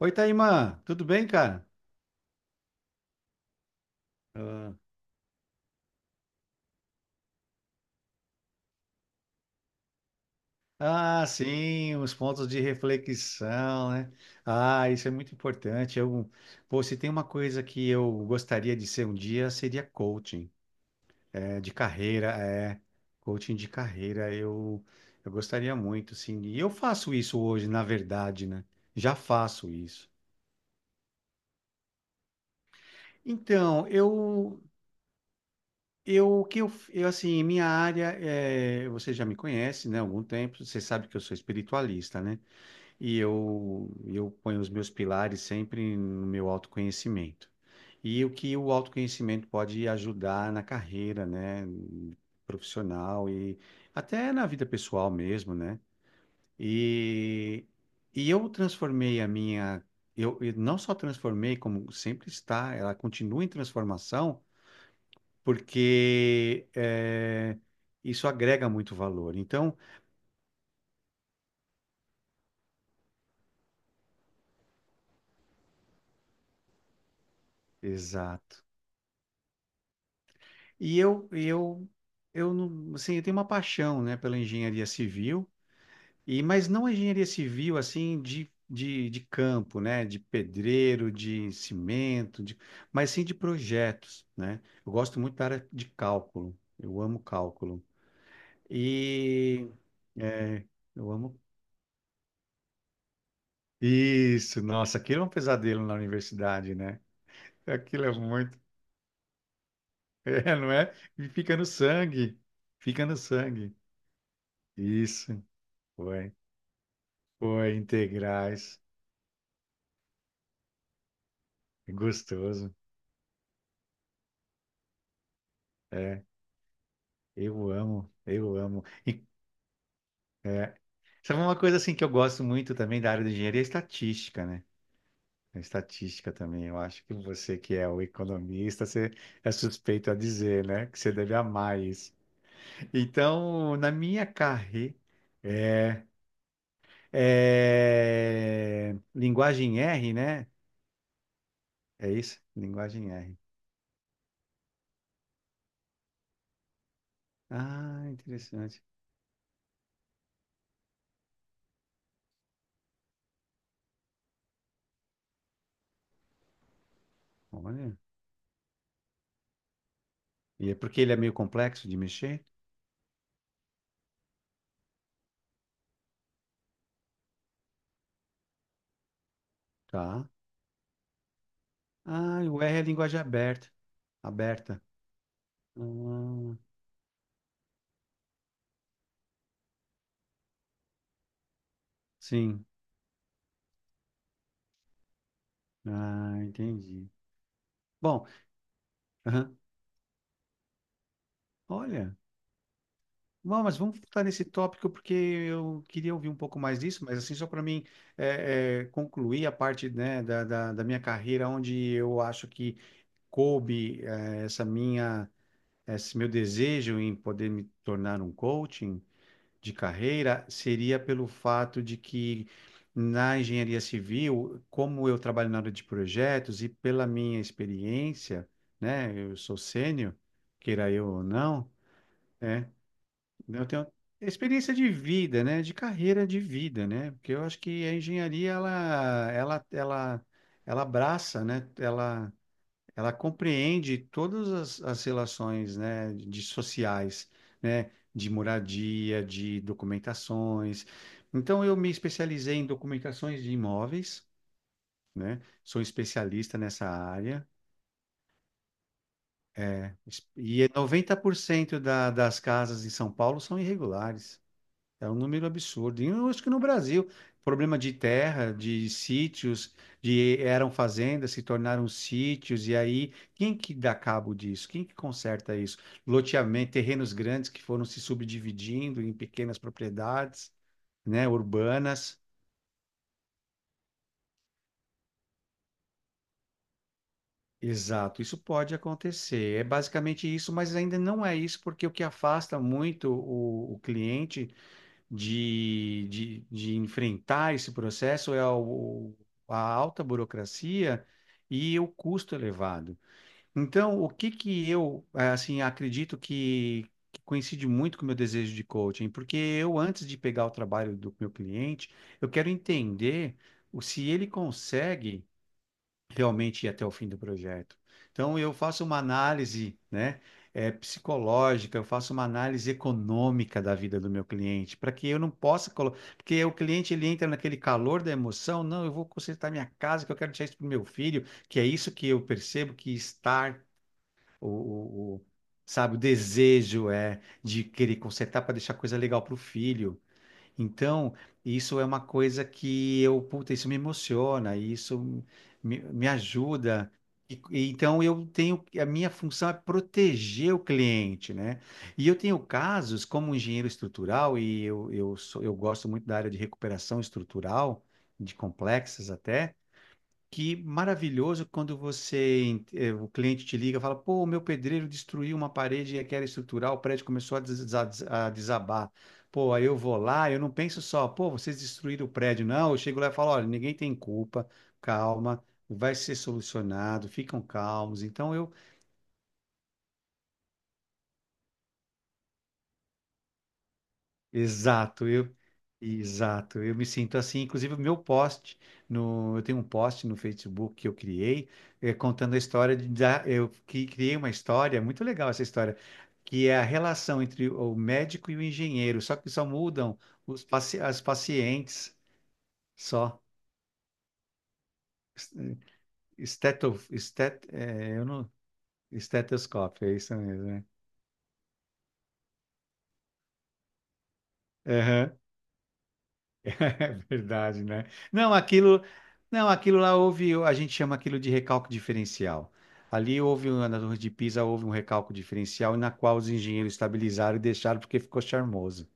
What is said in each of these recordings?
Oi, Taimã, tudo bem, cara? Ah, sim, os pontos de reflexão, né? Ah, isso é muito importante. Pô, se tem uma coisa que eu gostaria de ser um dia, seria coaching, de carreira, coaching de carreira, eu gostaria muito, sim. E eu faço isso hoje, na verdade, né? Já faço isso. Então, eu, o que eu, assim, minha área, é, você já me conhece, né, há algum tempo, você sabe que eu sou espiritualista, né? Eu ponho os meus pilares sempre no meu autoconhecimento. E o que o autoconhecimento pode ajudar na carreira, né, profissional e até na vida pessoal mesmo, né? E, e eu transformei a eu não só transformei, como sempre está, ela continua em transformação, porque isso agrega muito valor. Então, exato. E eu, não- assim, eu tenho uma paixão, né, pela engenharia civil, e mas não a engenharia civil assim de campo, né, de pedreiro, de cimento, de, mas sim de projetos, né? Eu gosto muito da área de cálculo. Eu amo cálculo. E é, eu amo isso. Nossa, aquilo é um pesadelo na universidade, né? Aquilo é muito, é, não é? E fica no sangue. Fica no sangue. Isso. Foi. Pô, integrais, gostoso. É, eu amo. É, sabe uma coisa assim que eu gosto muito também da área de engenharia é estatística, né? A estatística também. Eu acho que você que é o economista, você é suspeito a dizer, né? Que você deve amar isso. Então, na minha carreira, é, linguagem R, né? É isso? Linguagem R. Ah, interessante. Olha. E é porque ele é meio complexo de mexer? Tá. Ah, o R é linguagem aberta. Aberta. Ah, sim. Ah, entendi. Bom, aham. Olha, bom, mas vamos voltar nesse tópico porque eu queria ouvir um pouco mais disso, mas assim, só para mim concluir a parte, né, da minha carreira, onde eu acho que coube essa minha, esse meu desejo em poder me tornar um coaching de carreira seria pelo fato de que na engenharia civil, como eu trabalho na área de projetos e pela minha experiência, né, eu sou sênior, queira eu ou não, é, eu tenho experiência de vida, né, de carreira de vida, né, porque eu acho que a engenharia ela abraça, né, ela compreende todas as, as relações, né, de sociais, né, de moradia, de documentações. Então, eu me especializei em documentações de imóveis, né, sou especialista nessa área. É, es- e 90% das casas em São Paulo são irregulares. É um número absurdo. E eu acho que no Brasil, problema de terra, de sítios, de eram fazendas, se tornaram sítios, e aí quem que dá cabo disso? Quem que conserta isso? Loteamento, terrenos grandes que foram se subdividindo em pequenas propriedades, né, urbanas. Exato, isso pode acontecer. É basicamente isso, mas ainda não é isso, porque o que afasta muito o cliente de enfrentar esse processo é o- a alta burocracia e o custo elevado. Então, o que que eu, acredito que coincide muito com o meu desejo de coaching, porque eu, antes de pegar o trabalho do meu cliente, eu quero entender o- se ele consegue realmente ir até o fim do projeto. Então, eu faço uma análise, né, é psicológica, eu faço uma análise econômica da vida do meu cliente, para que eu não possa colocar. Porque o cliente ele entra naquele calor da emoção, não, eu vou consertar minha casa, que eu quero deixar isso para o meu filho, que é isso que eu percebo que estar, o, o, o- sabe, o desejo é de querer consertar para deixar coisa legal para o filho. Então, isso é uma coisa que eu, puta, isso me emociona, isso me, me ajuda. E então, eu tenho, a minha função é proteger o cliente, né? E eu tenho casos como engenheiro estrutural, eu gosto muito da área de recuperação estrutural, de complexas até. Que maravilhoso quando você, o cliente te liga e fala, pô, o meu pedreiro destruiu uma parede e era estrutural, o prédio começou a desa- a desabar. Pô, aí eu vou lá, eu não penso só, pô, vocês destruíram o prédio. Não, eu chego lá e falo, olha, ninguém tem culpa, calma, vai ser solucionado, ficam calmos. Então eu Exato, eu me sinto assim. Inclusive, o meu post no, eu tenho um post no Facebook que eu criei, contando a história eu que criei uma história é muito legal essa história, que é a relação entre o médico e o engenheiro, só que só mudam os paci as pacientes, só Esteto, estet, eh, eu não, estetoscópio, é isso mesmo, né? É verdade, né? Não, aquilo, não, aquilo lá houve, a gente chama aquilo de recalque diferencial. Ali houve, um- na Torre de Pisa, houve um recalque diferencial na qual os engenheiros estabilizaram e deixaram porque ficou charmoso.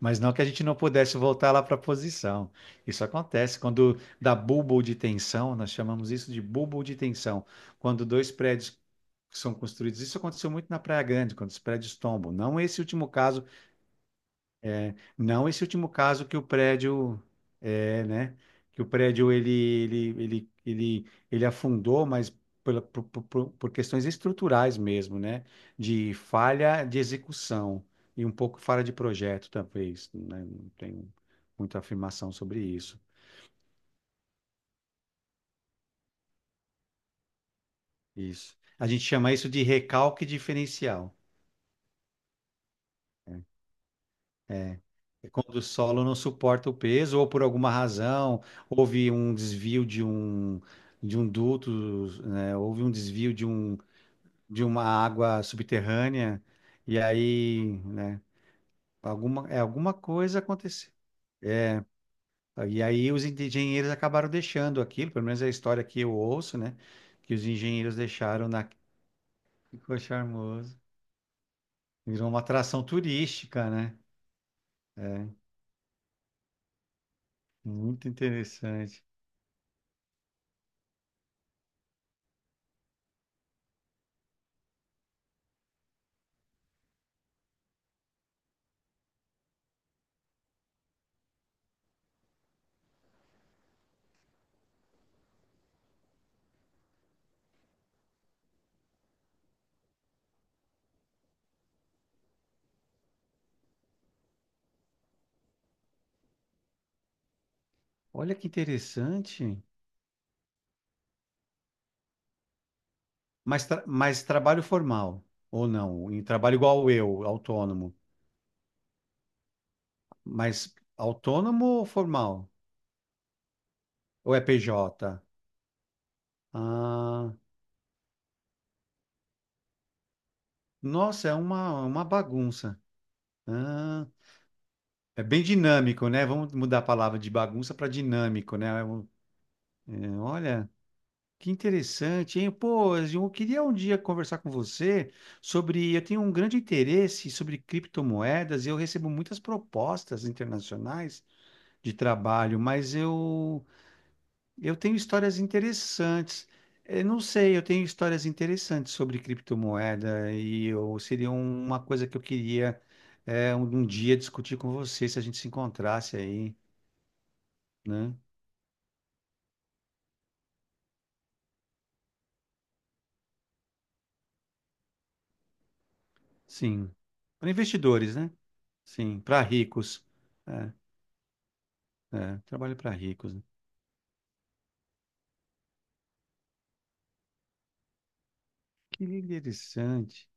Mas não que a gente não pudesse voltar lá para a posição. Isso acontece quando dá bulbo de tensão, nós chamamos isso de bulbo de tensão. Quando dois prédios são construídos, isso aconteceu muito na Praia Grande, quando os prédios tombam. Não esse último caso que o prédio é, né? Que o prédio ele afundou, mas pela, por questões estruturais mesmo, né? De falha de execução e um pouco falha de projeto, talvez, né? Não tenho muita afirmação sobre isso. Isso. A gente chama isso de recalque diferencial. É. É quando o solo não suporta o peso, ou por alguma razão, houve um desvio de um duto, né? Houve um desvio de um, de uma água subterrânea, e aí, né? Alguma coisa aconteceu. E aí os engenheiros acabaram deixando aquilo, pelo menos é a história que eu ouço, né? Que os engenheiros deixaram na... Ficou charmoso. Virou uma atração turística, né? É, muito interessante. Olha que interessante. Mas, tra- mas trabalho formal, ou não? Em trabalho igual eu, autônomo. Mas autônomo ou formal? Ou é PJ Ah, nossa, é uma bagunça. Ah, é bem dinâmico, né? Vamos mudar a palavra de bagunça para dinâmico, né? É um- é, olha, que interessante, hein? Pô, eu queria um dia conversar com você sobre. Eu tenho um grande interesse sobre criptomoedas e eu recebo muitas propostas internacionais de trabalho, mas eu tenho histórias interessantes. Eu não sei, eu tenho histórias interessantes sobre criptomoeda e eu, seria uma coisa que eu queria um dia discutir com você se a gente se encontrasse aí, né? Sim. Para investidores, né? Sim, para ricos. É, trabalho para ricos. Né? Que interessante.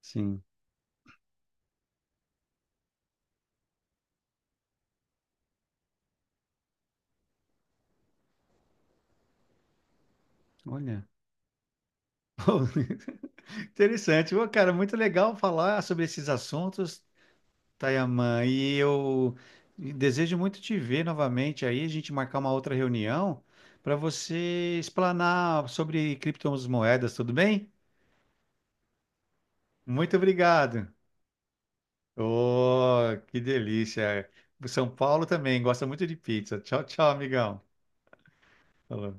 Sim, olha. Interessante. Ô, cara, muito legal falar sobre esses assuntos. Tayamã, e eu desejo muito te ver novamente aí, a gente marcar uma outra reunião para você explanar sobre criptomoedas, tudo bem? Muito obrigado. Oh, que delícia. O São Paulo também gosta muito de pizza. Tchau, tchau, amigão. Falou.